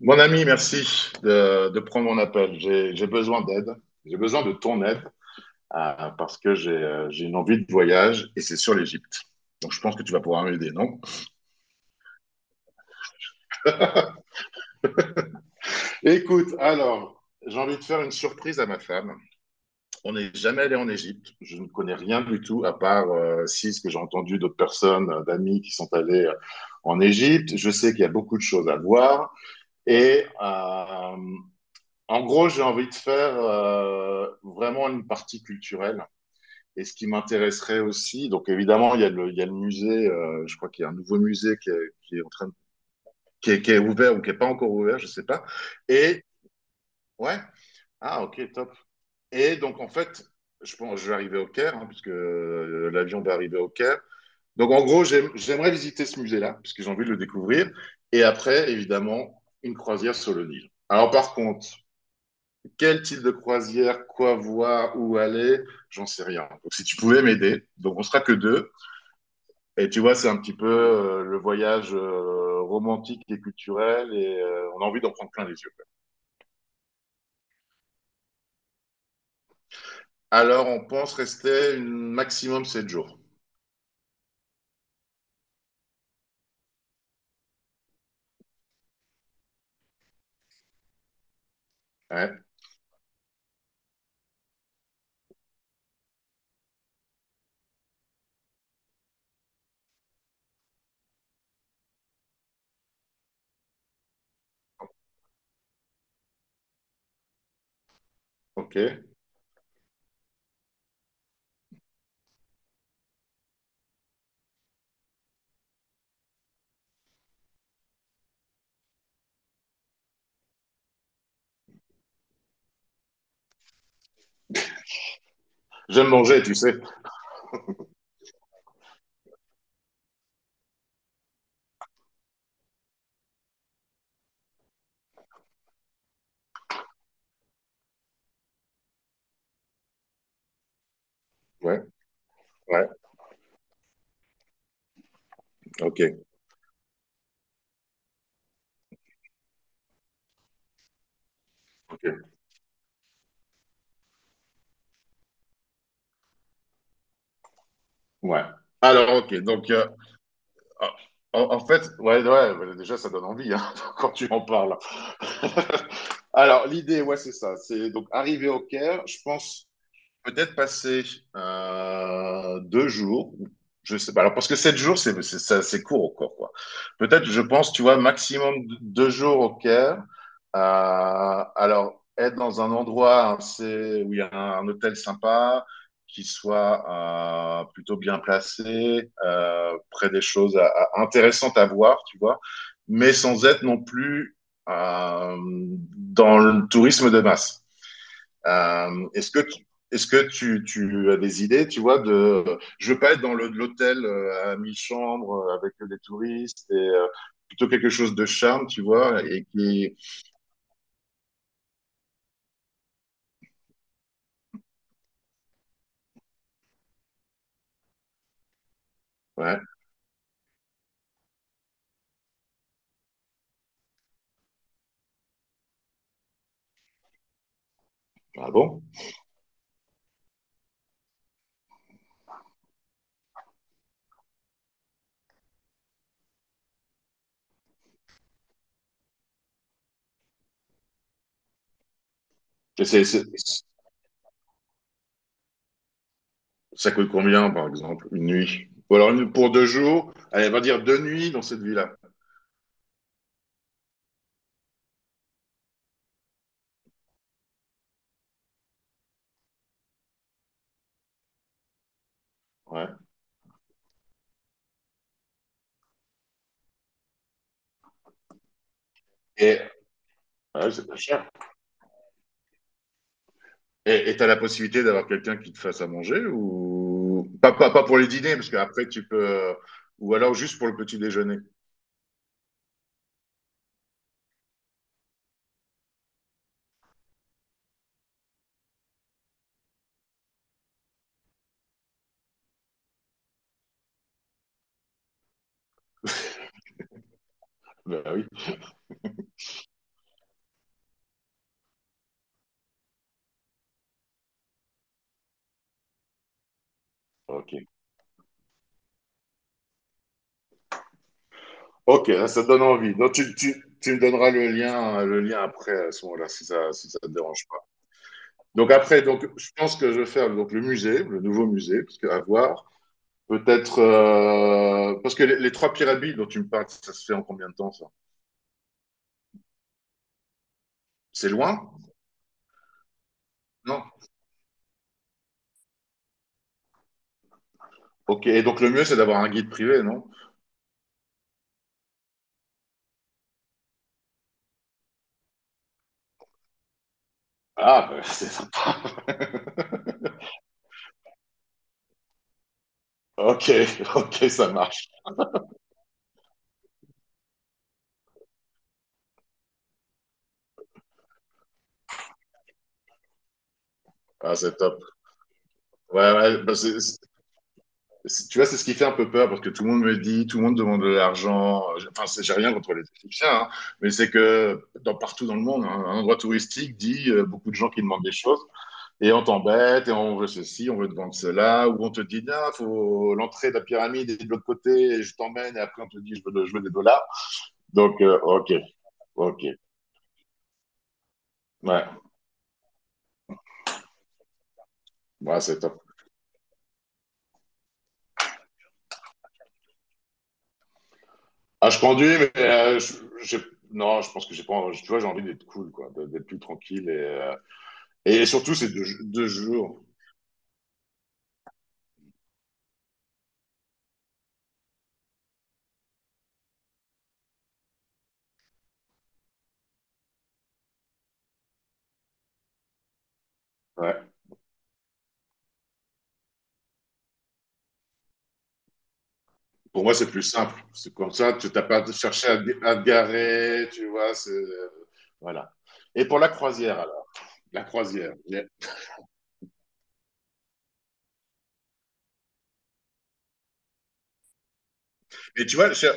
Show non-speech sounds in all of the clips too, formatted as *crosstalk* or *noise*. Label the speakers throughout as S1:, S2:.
S1: Mon ami, merci de prendre mon appel. J'ai besoin d'aide. J'ai besoin de ton aide parce que j'ai une envie de voyage et c'est sur l'Égypte. Donc je pense que tu vas pouvoir m'aider, non? Écoute, alors, j'ai envie de faire une surprise à ma femme. On n'est jamais allé en Égypte. Je ne connais rien du tout à part si ce que j'ai entendu d'autres personnes, d'amis qui sont allés en Égypte. Je sais qu'il y a beaucoup de choses à voir et euh, en gros, j'ai envie de faire vraiment une partie culturelle. Et ce qui m'intéresserait aussi, donc évidemment, il y a le musée, je crois qu'il y a un nouveau musée qui est en train de- qui est ouvert ou qui n'est pas encore ouvert, je sais pas. Et, ouais, ah, ok, top. Et donc, en fait, je pense, je vais arriver au Caire, hein, puisque l'avion va arriver au Caire. Donc, en gros, j'aimerais visiter ce musée-là, parce que j'ai envie de le découvrir. Et après, évidemment, une croisière sur le Nil. Alors, par contre, quel type de croisière, quoi voir, où aller, j'en sais rien. Donc, si tu pouvais m'aider, donc on sera que deux. Et tu vois, c'est un petit peu le voyage romantique et culturel et on a envie d'en prendre plein les yeux. Alors, on pense rester un maximum 7 jours. Ouais, ok. J'aime manger, tu sais. Ouais, ouais, ok, ok. Ouais. Alors, ok, donc, en fait, ouais, ouais, bah, déjà, ça donne envie hein, *laughs* quand tu en parles. *laughs* Alors, l'idée, ouais, c'est ça. C'est donc arriver au Caire, je pense peut-être passer 2 jours, je sais pas. Alors parce que 7 jours, c'est court encore quoi. Peut-être, je pense, tu vois, maximum 2 jours au Caire. Alors être dans un endroit assez, où il y a un hôtel sympa, qui soit plutôt bien placé, près des choses intéressantes à voir, tu vois, mais sans être non plus euh, dans le tourisme de masse. Euh, est-ce que tu, tu as des idées, tu vois, de je veux pas être dans l'hôtel à 1 000 chambres avec des touristes et plutôt quelque chose de charme, tu vois, et qui ouais, ah bon? Et ça coûte combien par exemple une nuit? Ou alors pour 2 jours, allez, on va dire 2 nuits dans cette villa. Ouais. Et ouais, c'est pas cher. Et t'as la possibilité d'avoir quelqu'un qui te fasse à manger ou pas, pas, pas pour les dîners parce qu'après tu peux ou alors juste pour le petit déjeuner. Bah oui. Ok. Ok, là, ça donne envie. Donc, tu me donneras le lien après, à ce moment-là, si ça te dérange pas. Donc, après, donc, je pense que je vais faire donc, le musée, le nouveau musée, parce que, à voir. Peut-être. Parce que les trois pyramides dont tu me parles, ça se fait en combien de temps, ça? C'est loin? Non. Ok, et donc le mieux, c'est d'avoir un guide privé, non? Ah, bah, *laughs* c'est sympa. Ok, ok, ça marche. Ah, c'est top. Ouais, ouais, bah, Tu vois, c'est ce qui fait un peu peur parce que tout le monde me dit, tout le monde demande de l'argent. Enfin, j'ai rien contre les Égyptiens, hein, mais c'est que dans, partout dans le monde, hein, un endroit touristique dit beaucoup de gens qui demandent des choses et on t'embête et on veut ceci, on veut te vendre cela, ou on te dit, il faut l'entrée de la pyramide est de l'autre côté et je t'emmène et après on te dit, je veux, je veux des dollars. Donc, ok, ok, ouais, ouais, c'est top. Ah, je conduis, mais j'ai- non, je pense que j'ai pas, tu vois, j'ai envie d'être cool, quoi, d'être plus tranquille et surtout, c'est deux jours. Ouais. Pour moi, c'est plus simple. C'est comme ça, tu t'as pas à te chercher à te garer, tu vois. Voilà. Et pour la croisière, alors. La croisière. Mais tu vois,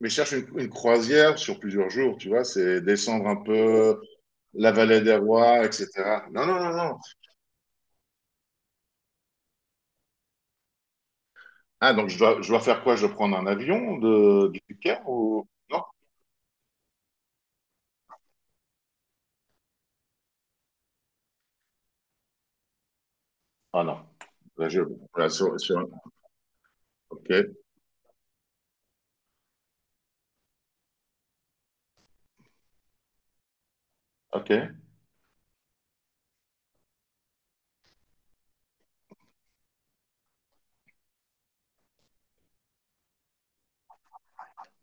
S1: mais je cherche une croisière sur plusieurs jours, tu vois. C'est descendre un peu la vallée des rois, etc. Non, non, non, non. Ah, donc je dois faire quoi? Je dois prendre un avion de, du Caire ou... Non? Ah non. Là, je, là, sur, sur- Ok, ok,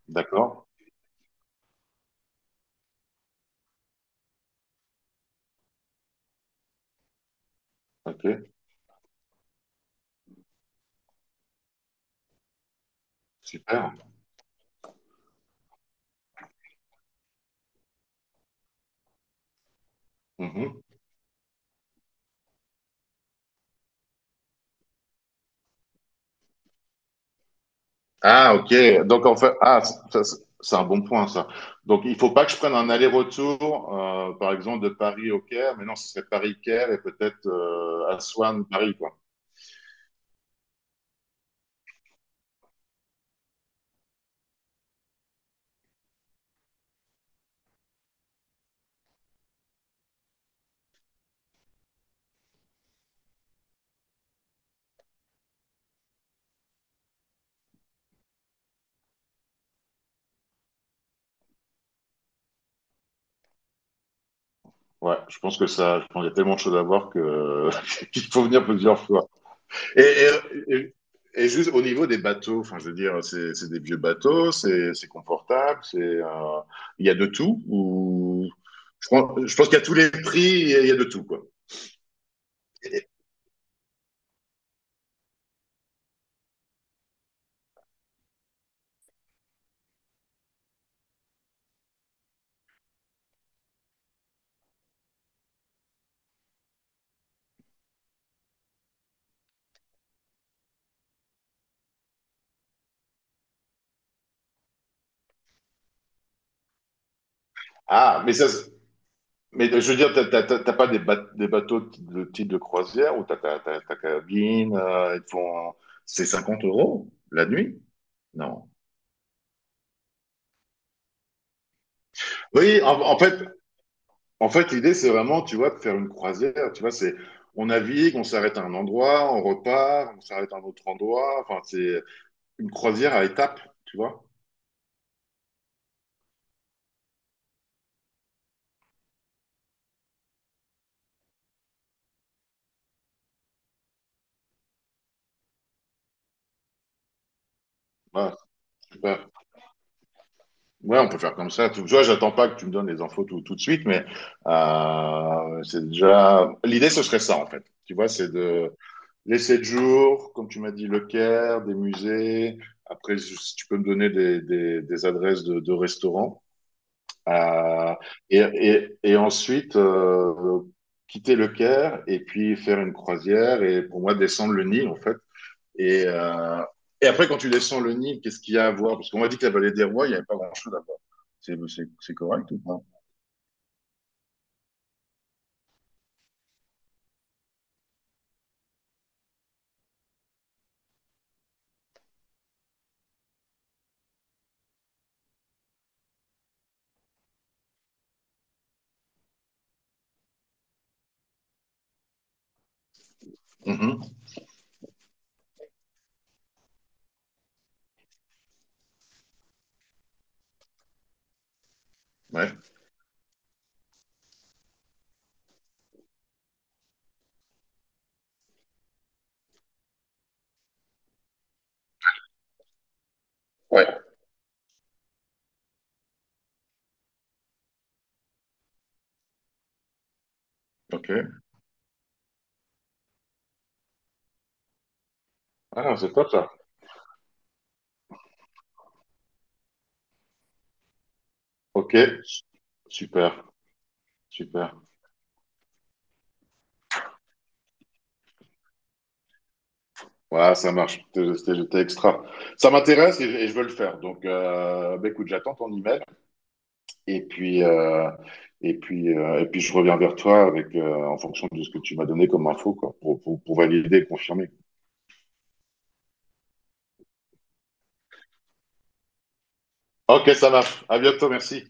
S1: d'accord. Ok, super. Mhm. Ah, ok. Donc, en fait, ah, ça, c'est un bon point, ça. Donc, il faut pas que je prenne un aller-retour, par exemple, de Paris au Caire, mais non, ce serait Paris-Caire et peut-être Aswan, Paris, quoi. Ouais, je pense que ça, je pense qu'il y a tellement de choses à voir que *laughs* qu'il faut venir plusieurs fois. Et, et, et- et juste au niveau des bateaux, enfin, je veux dire, c'est des vieux bateaux, c'est confortable, c'est il y a de tout ou je pense qu'il y a tous les prix, il y a de tout, quoi. Ah, mais ça, mais je veux dire, t'as pas des bateaux de type de croisière où t'as ta cabine, ils te font... C'est 50 € la nuit? Non. Oui, en fait, l'idée, c'est vraiment, tu vois, de faire une croisière. Tu vois, on navigue, on s'arrête à un endroit, on repart, on s'arrête à un autre endroit. Enfin, c'est une croisière à étapes, tu vois. Voilà, super. Ouais, on peut faire comme ça. Tu vois, j'attends pas que tu me donnes les infos tout de suite, mais c'est déjà. L'idée, ce serait ça, en fait. Tu vois, c'est de les 7 jours, comme tu m'as dit, le Caire, des musées. Après, si tu peux me donner des adresses de restaurants. Euh, et ensuite, quitter le Caire et puis faire une croisière et pour moi, descendre le Nil, en fait. Et, euh, et après, quand tu descends le Nil, qu'est-ce qu'il y a à voir? Parce qu'on m'a dit que la vallée des rois, il n'y avait pas grand-chose à voir. C'est correct ou pas? Mhm. Ouais. Ouais. Ok. Ah, c'est top ça. Ok. Super. Super. Ouais, ça marche. C'était J'étais extra. Ça m'intéresse et je veux le faire. Donc, bah, écoute, j'attends ton email et puis euh, et puis je reviens vers toi avec en fonction de ce que tu m'as donné comme info quoi, pour valider et confirmer. Ok, ça marche. À bientôt. Merci.